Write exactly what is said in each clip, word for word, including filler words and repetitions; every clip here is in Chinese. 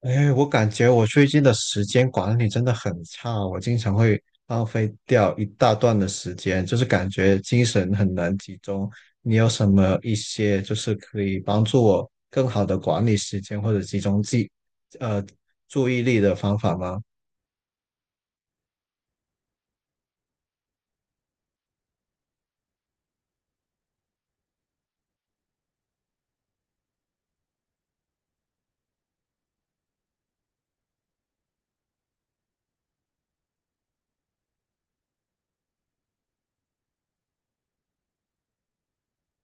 哎，我感觉我最近的时间管理真的很差，我经常会浪费掉一大段的时间，就是感觉精神很难集中。你有什么一些就是可以帮助我更好的管理时间或者集中记，呃，注意力的方法吗？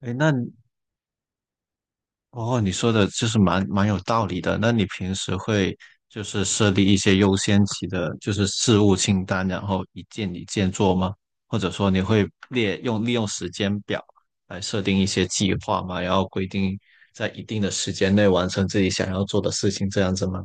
哎，那哦，你说的就是蛮蛮有道理的。那你平时会就是设立一些优先级的，就是事务清单，然后一件一件做吗？或者说你会列用利用时间表来设定一些计划吗？然后规定在一定的时间内完成自己想要做的事情，这样子吗？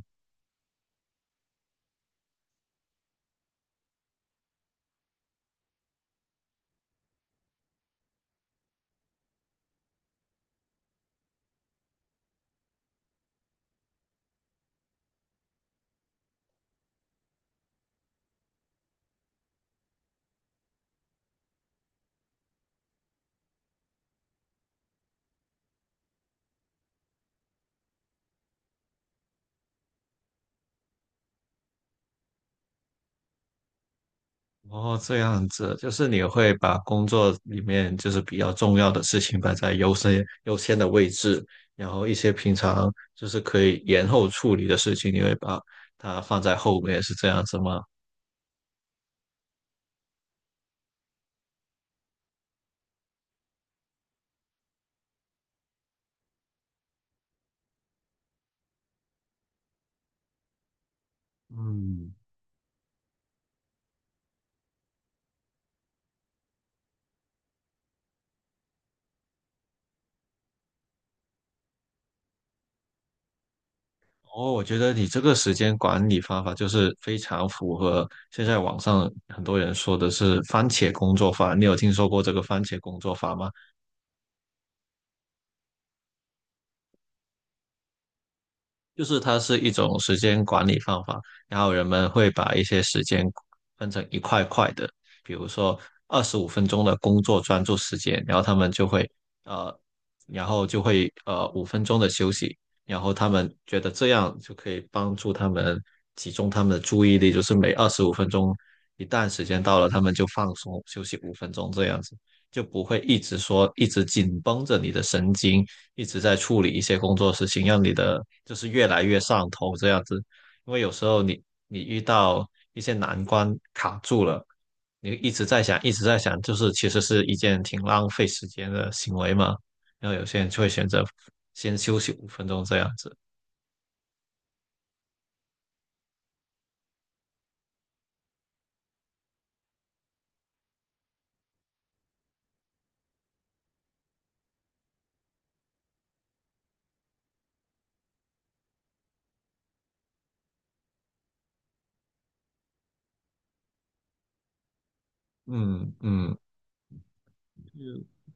哦，这样子，就是你会把工作里面就是比较重要的事情摆在优先优先的位置，然后一些平常就是可以延后处理的事情，你会把它放在后面，是这样子吗？嗯，哦，我觉得你这个时间管理方法就是非常符合现在网上很多人说的是番茄工作法，你有听说过这个番茄工作法吗？就是它是一种时间管理方法，然后人们会把一些时间分成一块块的，比如说二十五分钟的工作专注时间，然后他们就会呃，然后就会呃五分钟的休息，然后他们觉得这样就可以帮助他们集中他们的注意力，就是每二十五分钟一旦时间到了，他们就放松休息五分钟这样子，就不会一直说一直紧绷着你的神经，一直在处理一些工作事情，让你的就是越来越上头这样子。因为有时候你你遇到一些难关卡住了，你一直在想，一直在想，就是其实是一件挺浪费时间的行为嘛。然后有些人就会选择先休息五分钟这样子。嗯嗯，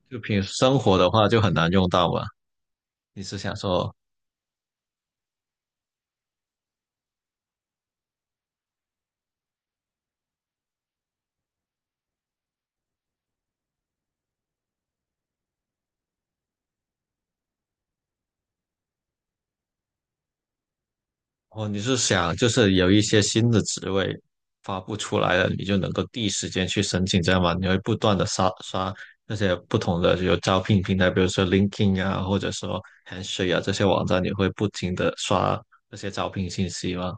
就平时生活的话就很难用到嘛。你是想说哦，你是想就是有一些新的职位发布出来了，你就能够第一时间去申请，这样吗？你会不断的刷刷那些不同的有招聘平台，比如说 LinkedIn 啊，或者说 Handshake 啊这些网站，你会不停的刷这些招聘信息吗？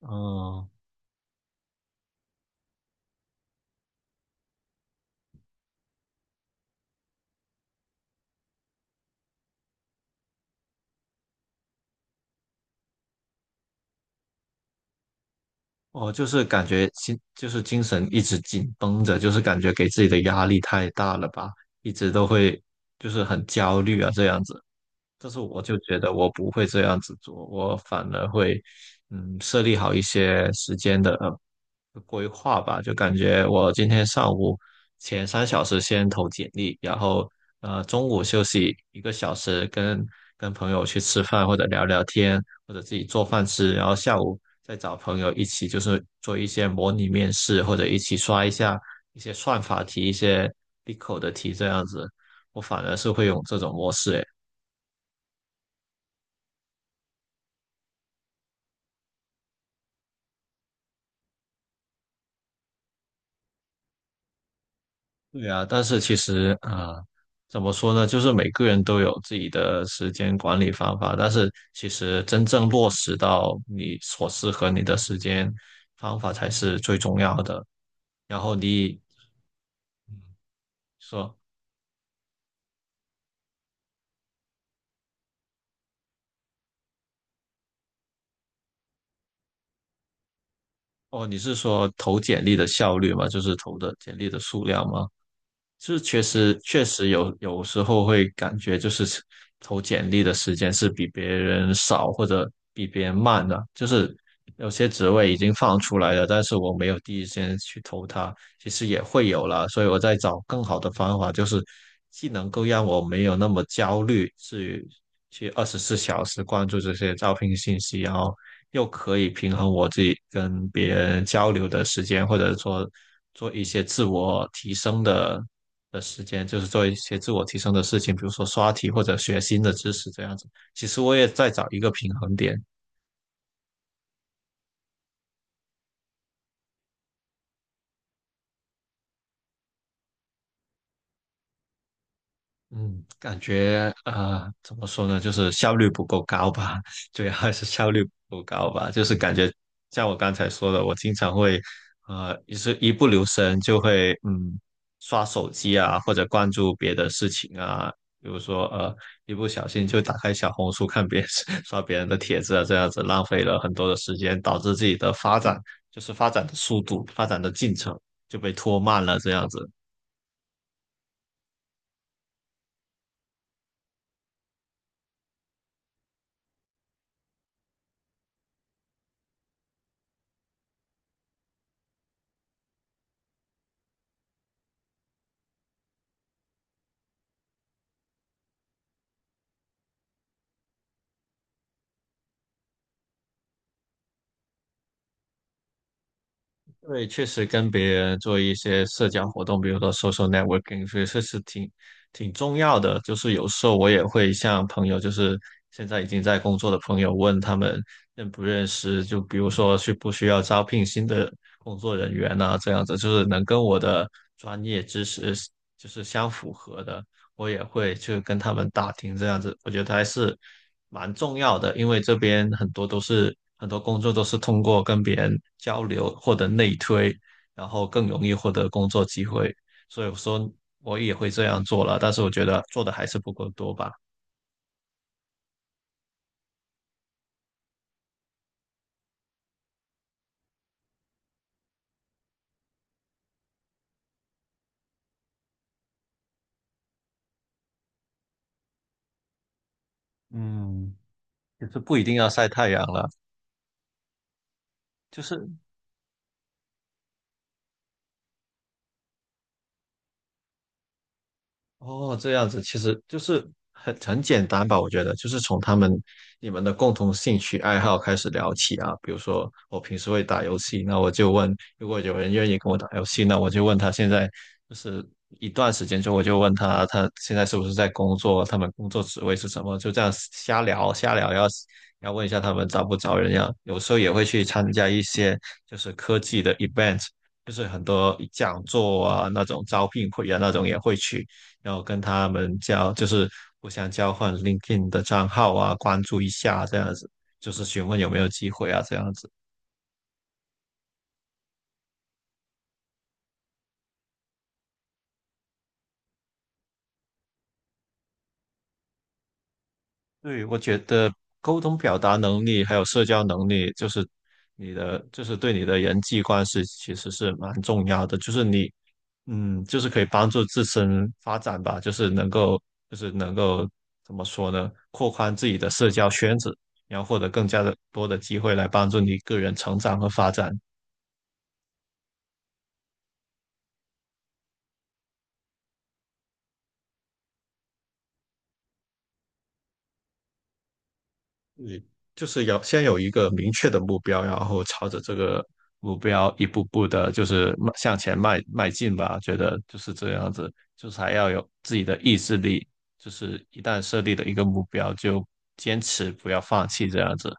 哦，哦，就是感觉心就是精神一直紧绷着，就是感觉给自己的压力太大了吧，一直都会就是很焦虑啊这样子。但是我就觉得我不会这样子做，我反而会，嗯，设立好一些时间的呃规划吧。就感觉我今天上午前三小时先投简历，然后呃中午休息一个小时跟，跟朋友去吃饭或者聊聊天，或者自己做饭吃，然后下午再找朋友一起就是做一些模拟面试，或者一起刷一下一些算法题、一些 B I C O 的题这样子。我反而是会用这种模式，哎。对啊，但是其实啊、呃怎么说呢？就是每个人都有自己的时间管理方法，但是其实真正落实到你所适合你的时间方法才是最重要的。然后你说，哦，你是说投简历的效率吗？就是投的简历的数量吗？是确实确实有有时候会感觉就是投简历的时间是比别人少或者比别人慢的，就是有些职位已经放出来了，但是我没有第一时间去投它，其实也会有了，所以我在找更好的方法，就是既能够让我没有那么焦虑，至于去二十四小时关注这些招聘信息，然后又可以平衡我自己跟别人交流的时间，或者说做一些自我提升的的时间，就是做一些自我提升的事情，比如说刷题或者学新的知识这样子。其实我也在找一个平衡点，嗯，感觉呃，怎么说呢，就是效率不够高吧，主要还是效率不够高吧，就是感觉像我刚才说的，我经常会呃，也是一不留神就会嗯刷手机啊，或者关注别的事情啊，比如说呃，一不小心就打开小红书看别人 刷别人的帖子啊，这样子浪费了很多的时间，导致自己的发展就是发展的速度、发展的进程就被拖慢了，这样子。对，确实跟别人做一些社交活动，比如说 social networking，所以这是挺挺重要的。就是有时候我也会向朋友，就是现在已经在工作的朋友，问他们认不认识，就比如说需不需要招聘新的工作人员啊，这样子，就是能跟我的专业知识就是相符合的。我也会去跟他们打听这样子，我觉得还是蛮重要的，因为这边很多都是很多工作都是通过跟别人交流获得内推，然后更容易获得工作机会，所以我说我也会这样做了，但是我觉得做的还是不够多吧。嗯，就是不一定要晒太阳了，就是哦，这样子其实就是很很简单吧，我觉得就是从他们你们的共同兴趣爱好开始聊起啊。比如说我平时会打游戏，那我就问，如果有人愿意跟我打游戏，那我就问他现在就是一段时间之后，我就问他他现在是不是在工作，他们工作职位是什么，就这样瞎聊瞎聊，要要问一下他们招不招人呀。有时候也会去参加一些就是科技的 event。就是很多讲座啊，那种招聘会啊，那种也会去，然后跟他们交，就是互相交换 LinkedIn 的账号啊，关注一下这样子，就是询问有没有机会啊，这样子。对，我觉得沟通表达能力还有社交能力，就是你的，就是对你的人际关系其实是蛮重要的，就是你，嗯，就是可以帮助自身发展吧，就是能够，就是能够怎么说呢，扩宽自己的社交圈子，然后获得更加的多的机会来帮助你个人成长和发展。就是要先有一个明确的目标，然后朝着这个目标一步步的，就是迈向前迈迈进吧。觉得就是这样子，就是还要有自己的意志力，就是一旦设立了一个目标，就坚持，不要放弃这样子。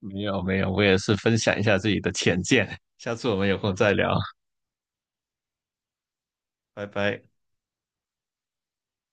没有没有，我也是分享一下自己的浅见，下次我们有空再聊，拜拜。